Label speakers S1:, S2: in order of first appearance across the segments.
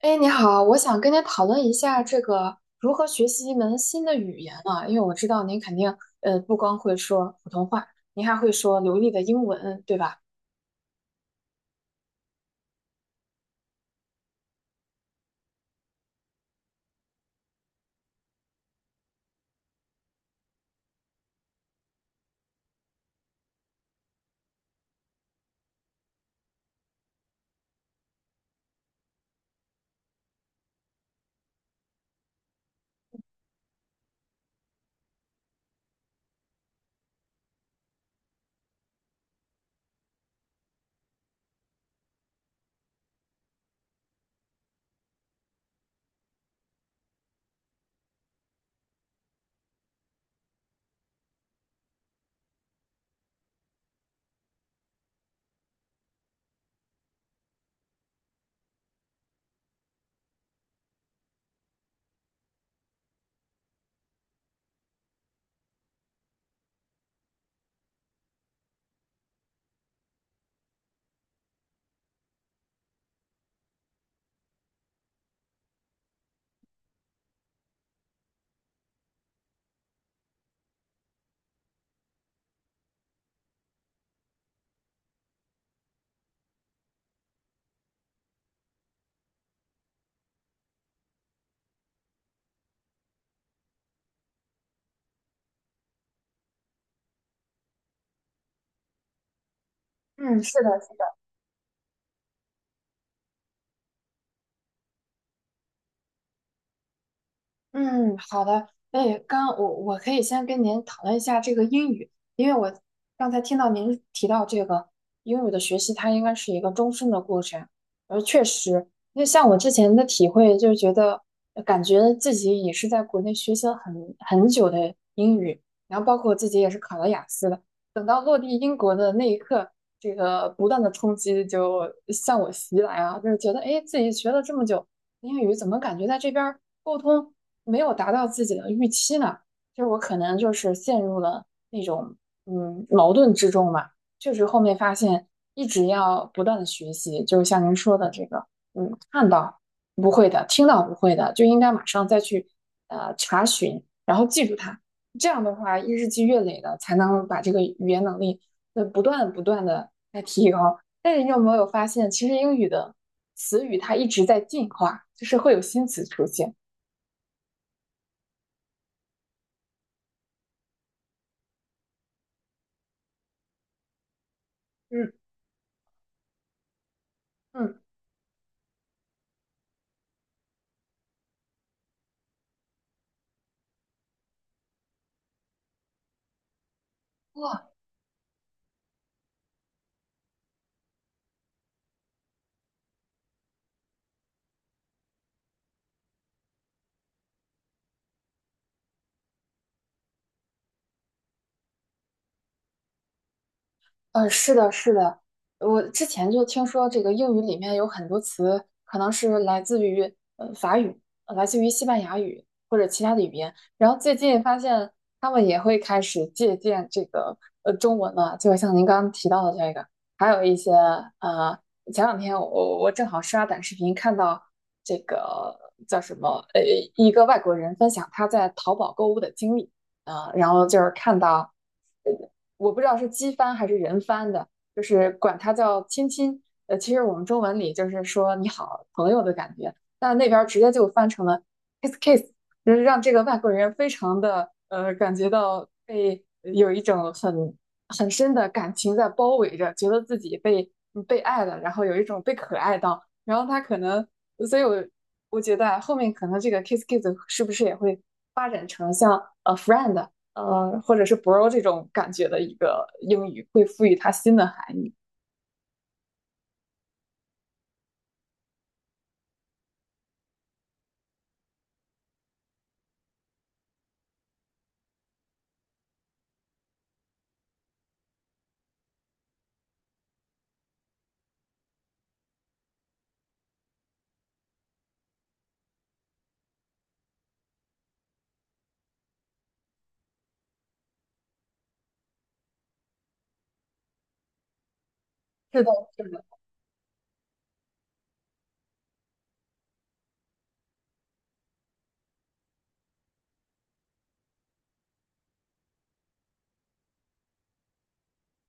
S1: 哎，你好，我想跟您讨论一下这个如何学习一门新的语言啊，因为我知道您肯定不光会说普通话，您还会说流利的英文，对吧？嗯，是的。嗯，好的。哎，刚我可以先跟您讨论一下这个英语，因为我刚才听到您提到这个英语的学习，它应该是一个终身的过程。而确实，因为像我之前的体会，就是觉得感觉自己也是在国内学习了很久的英语，然后包括我自己也是考了雅思的。等到落地英国的那一刻，这个不断的冲击就向我袭来啊，就是觉得哎，诶自己学了这么久。英语怎么感觉在这边儿沟通没有达到自己的预期呢？就是我可能就是陷入了那种嗯矛盾之中吧。确实后面发现一直要不断的学习，就是像您说的这个，嗯，看到不会的，听到不会的，就应该马上再去查询，然后记住它。这样的话，日积月累的才能把这个语言能力不断的来提高。但是你有没有发现，其实英语的词语它一直在进化，就是会有新词出现。嗯嗯，哇。是的，是的，我之前就听说这个英语里面有很多词可能是来自于法语，来自于西班牙语或者其他的语言，然后最近发现他们也会开始借鉴这个中文了，就像您刚刚提到的这个，还有一些呃，前两天我正好刷短视频看到这个叫什么呃一个外国人分享他在淘宝购物的经历啊，然后就是看到。我不知道是机翻还是人翻的，就是管它叫亲亲。其实我们中文里就是说你好朋友的感觉，但那边直接就翻成了 kiss kiss，就是让这个外国人非常的感觉到被有一种很深的感情在包围着，觉得自己被嗯被爱了，然后有一种被可爱到，然后他可能，所以我我觉得啊后面可能这个 kiss kiss 是不是也会像friend 或者是 bro 这种感觉的一个英语，会赋予它新的含义。是的，是的，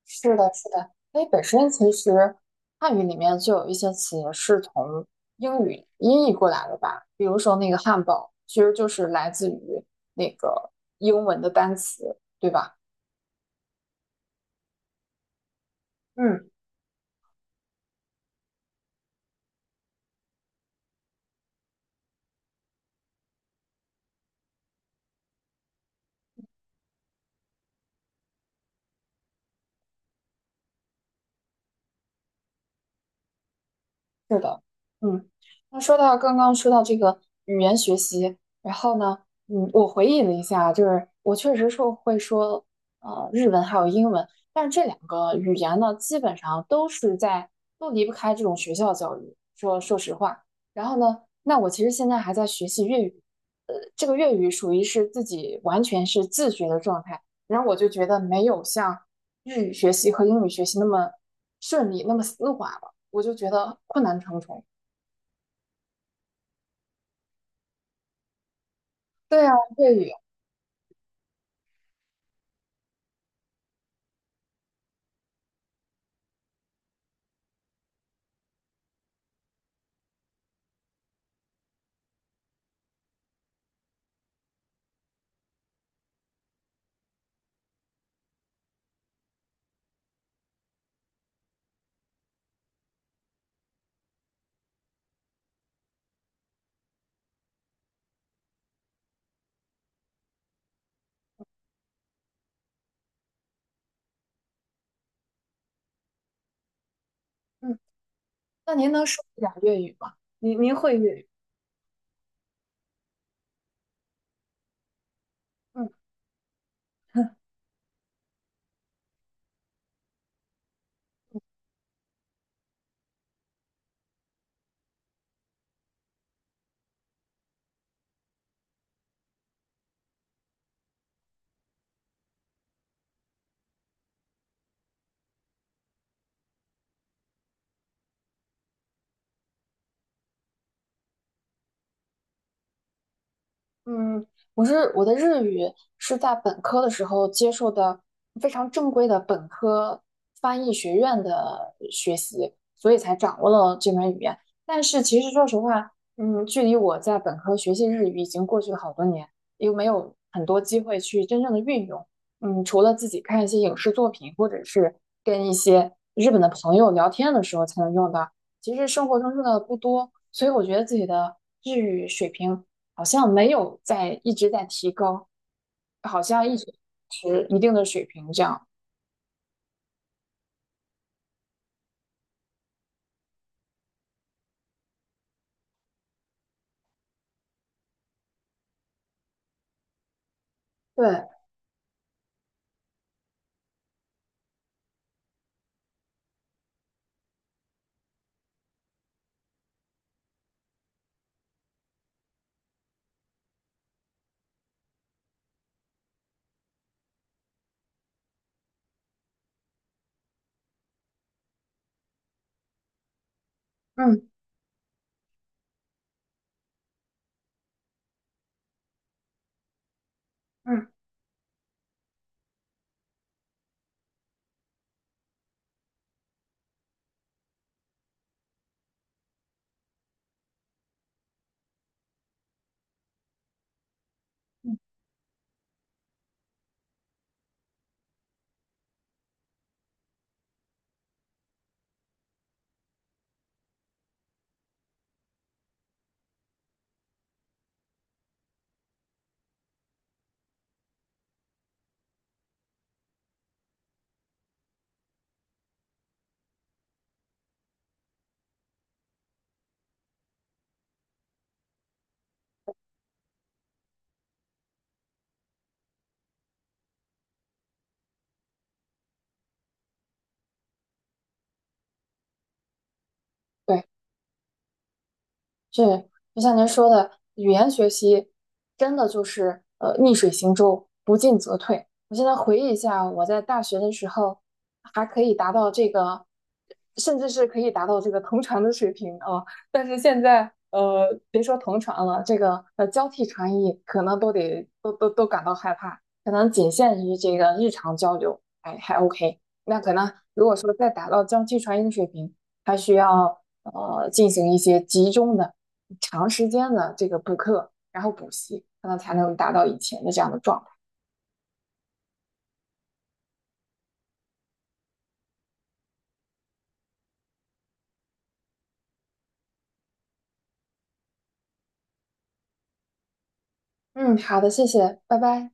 S1: 是的，是的。因为本身其实汉语里面就有一些词是从英语音译过来的吧，比如说那个汉堡，其实就是来自于那个英文的单词，对吧？嗯。是的，嗯，那说到刚刚说到这个语言学习，然后呢，嗯，我回忆了一下，就是我确实说会说日文还有英文，但是这两个语言呢，基本上都是在都离不开这种学校教育。说说实话，然后呢，那我其实现在还在学习粤语，这个粤语属于是自己完全是自学的状态，然后我就觉得没有像日语学习和英语学习那么顺利，那么丝滑。我就觉得困难重重。对啊，粤语，嗯，那您能说一点粤语吗？您会粤语？嗯。嗯，我的日语是在本科的时候接受的非常正规的本科翻译学院的学习，所以才掌握了这门语言。但是其实说实话，嗯，距离我在本科学习日语已经过去了好多年，又没有很多机会去真正的运用。嗯，除了自己看一些影视作品，或者是跟一些日本的朋友聊天的时候才能用到。其实生活中用的不多，所以我觉得自己的日语水平好像没有在一直在提高，好像一直持一定的水平这样。对，嗯嗯，对。是，就像您说的，语言学习真的就是逆水行舟，不进则退。我现在回忆一下，我在大学的时候还可以达到这个，甚至是可以达到这个同传的水平啊，但是现在别说同传了，这个交替传译可能都得都都都感到害怕，可能仅限于这个日常交流，哎还 OK。那可能如果说再达到交替传译的水平，还需要进行一些集中的。长时间的这个补课，然后补习，可能才能达到以前的这样的状态。嗯，好的，谢谢，拜拜。